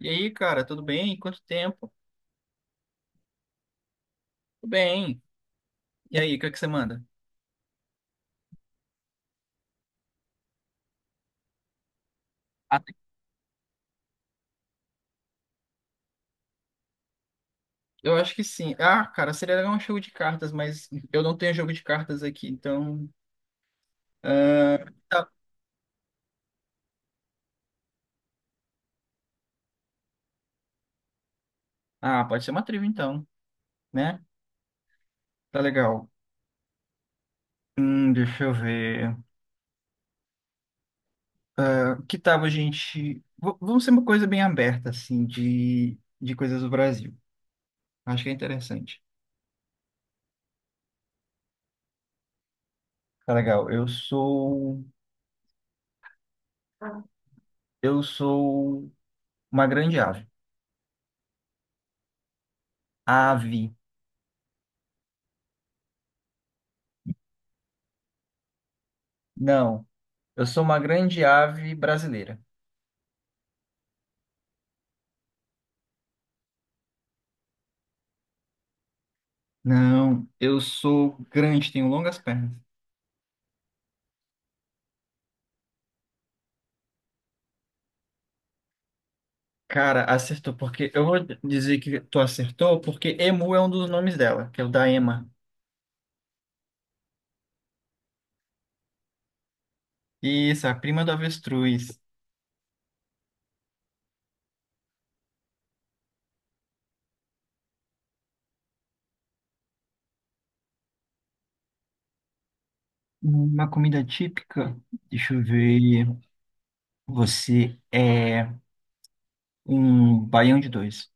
E aí, cara, tudo bem? Quanto tempo? Tudo bem. E aí, o que é que você manda? Até- Eu acho que sim. Ah, cara, seria legal um jogo de cartas, mas eu não tenho jogo de cartas aqui, então. Ah, tá. Ah, pode ser uma trilha então, né? Tá legal. Deixa eu ver. Que tal a gente. Vamos ser uma coisa bem aberta, assim, de coisas do Brasil. Acho que é interessante. Tá legal. Eu sou. Eu sou uma grande ave. Ave. Não. Eu sou uma grande ave brasileira. Não, eu sou grande, tenho longas pernas. Cara, acertou, porque eu vou dizer que tu acertou, porque Emu é um dos nomes dela, que é o da Ema. Isso, a prima do avestruz. Uma comida típica. Deixa eu ver. Você é um baião de dois.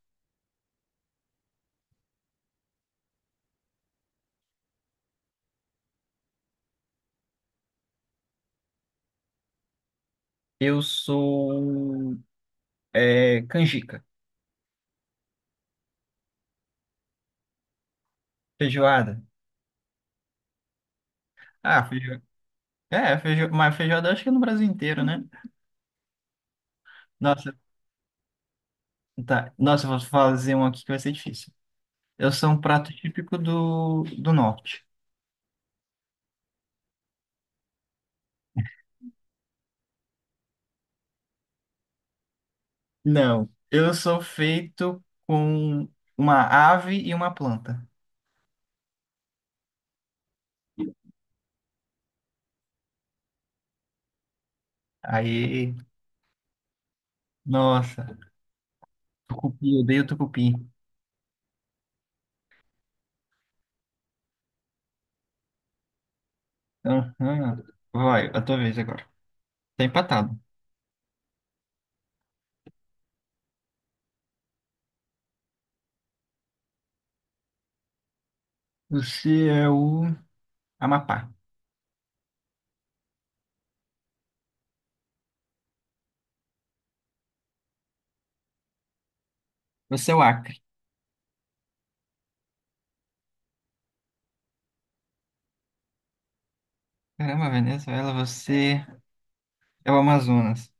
Eu sou canjica, feijoada. Ah, feijoada. É, feijo... mas feijoada acho que é no Brasil inteiro, né? Nossa. Tá. Nossa, eu vou fazer um aqui que vai ser difícil. Eu sou um prato típico do norte. Não. Eu sou feito com uma ave e uma planta. Aí, nossa. Tucupi, eu odeio tucupi. Aham. Vai, a tua vez agora. Tá empatado. Você é o Amapá. Você é o Acre. Caramba, Venezuela, você é o Amazonas.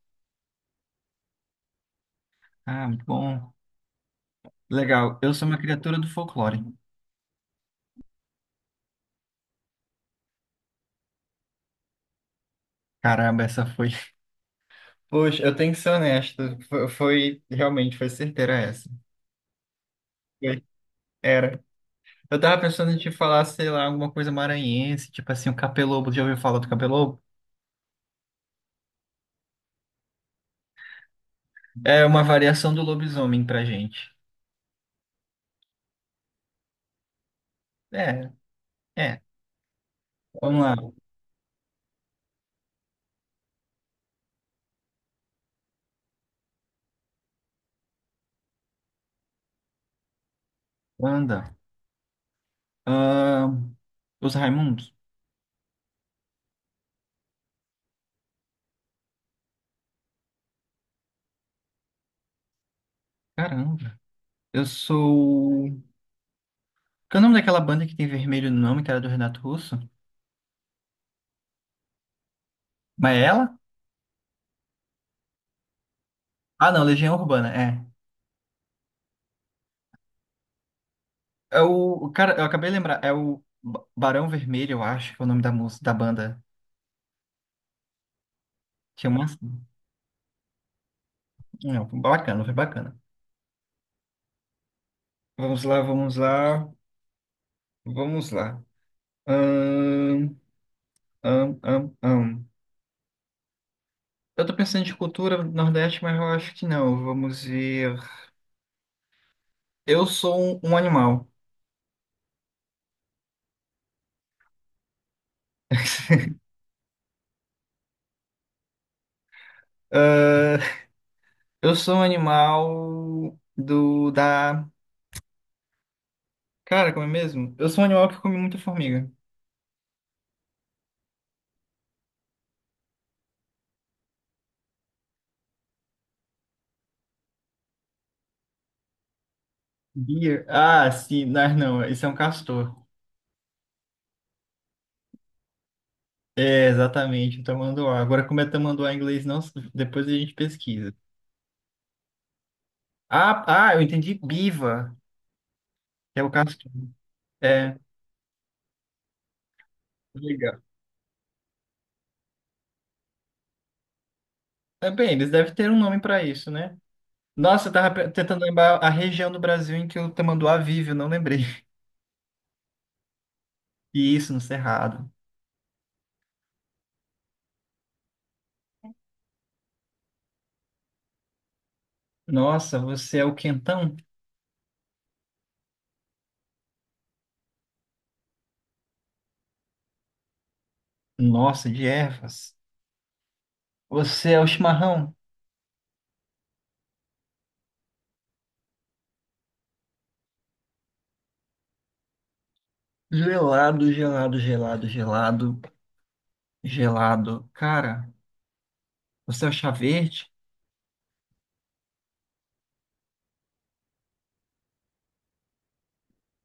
Ah, muito bom. Legal. Eu sou uma criatura do folclore. Caramba, essa foi. Poxa, eu tenho que ser honesto. Realmente, foi certeira essa. Foi. Era. Eu tava pensando em te falar, sei lá, alguma coisa maranhense, tipo assim, o capelobo. Já ouviu falar do capelobo? É uma variação do lobisomem pra gente. É, é. Vamos lá. Anda. Ahn, os Raimundos? Caramba. Eu sou. Qual é o nome daquela banda que tem vermelho no nome, que era do Renato Russo? Mas é ela? Ah, não, Legião Urbana, é. É o, cara, eu acabei de lembrar, é o Barão Vermelho, eu acho, que é o nome da música, da banda. Tinha uma. Assim. Não, foi bacana, foi bacana. Vamos lá, vamos lá, vamos lá. Ahn, ahn, ahn, ahn. Eu tô pensando de cultura Nordeste, mas eu acho que não. Vamos ver. Eu sou um animal. Ah, eu sou um animal da. Cara, como é mesmo? Eu sou um animal que come muita formiga. Deer? Ah, sim, mas não, esse é um castor. É, exatamente, o tamanduá. Agora, como é tamanduá em inglês, não, depois a gente pesquisa. Ah, eu entendi biva, que é o castor. É, legal. É, bem, eles devem ter um nome para isso, né? Nossa, eu tava tentando lembrar a região do Brasil em que o tamanduá vive, eu não lembrei. E isso, no Cerrado. Nossa, você é o quentão? Nossa, de ervas. Você é o chimarrão? Gelado, gelado, gelado, gelado, gelado. Cara, você é o chá verde?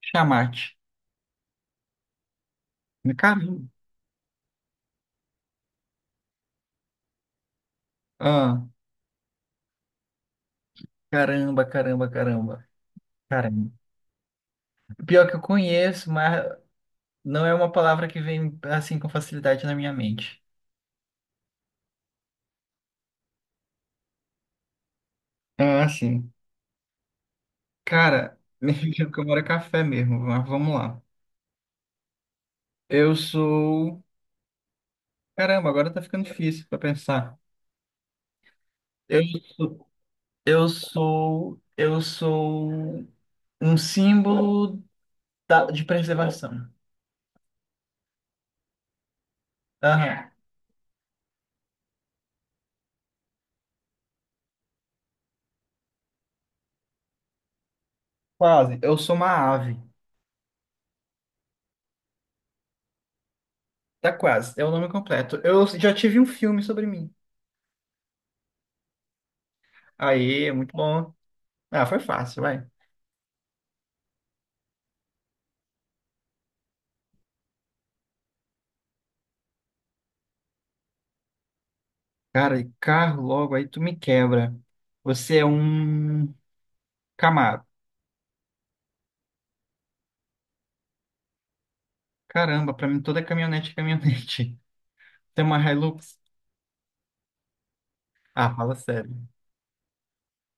Chamate. Nunca vi. Caramba. Caramba. Pior que eu conheço, mas não é uma palavra que vem assim com facilidade na minha mente. Ah, sim. Cara, me que eu moro é café mesmo, mas vamos lá. Eu sou. Caramba, agora tá ficando difícil pra pensar. Eu sou. Eu sou um símbolo de preservação. Aham. Quase. Eu sou uma ave. Tá quase. É o nome completo. Eu já tive um filme sobre mim. Aí, é muito bom. Ah, foi fácil, vai. Cara, e carro logo aí tu me quebra. Você é um Camaro. Caramba, pra mim toda caminhonete é caminhonete. Tem uma Hilux? Ah, fala sério.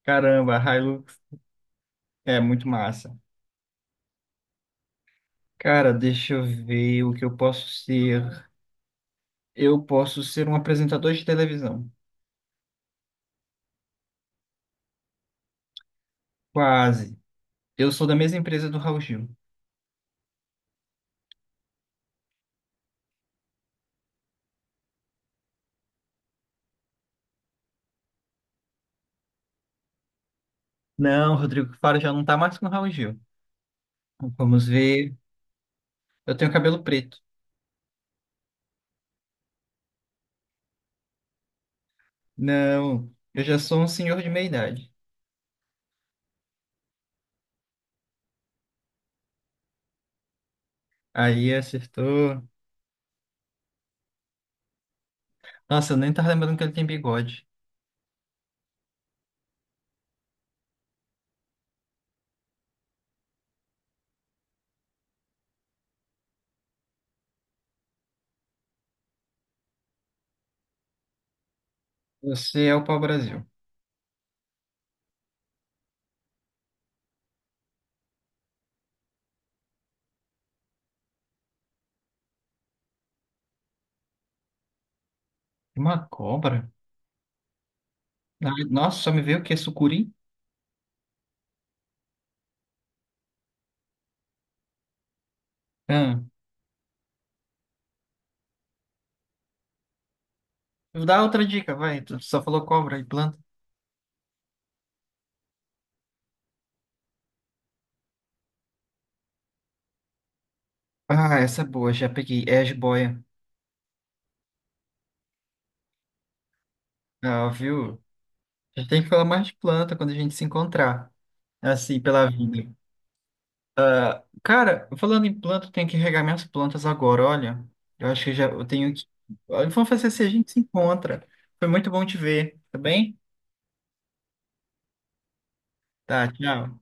Caramba, a Hilux é muito massa. Cara, deixa eu ver o que eu posso ser. Eu posso ser um apresentador de televisão. Quase. Eu sou da mesma empresa do Raul Gil. Não, Rodrigo Faro já não tá mais com o Raul Gil. Vamos ver. Eu tenho cabelo preto. Não, eu já sou um senhor de meia idade. Aí acertou. Nossa, eu nem tava lembrando que ele tem bigode. Você é o pau-brasil. Uma cobra? Ah, nossa, só me veio o quê? Sucuri? Ah, dá outra dica, vai. Tu só falou cobra e planta. Ah, essa é boa, já peguei. É a jiboia. Ah, viu? A gente tem que falar mais de planta quando a gente se encontrar. Assim, pela vida. Ah, cara, falando em planta, eu tenho que regar minhas plantas agora, olha. Eu acho que já eu tenho que. Olha, vamos fazer se a gente se encontra. Foi muito bom te ver, tá bem? Tá, tchau.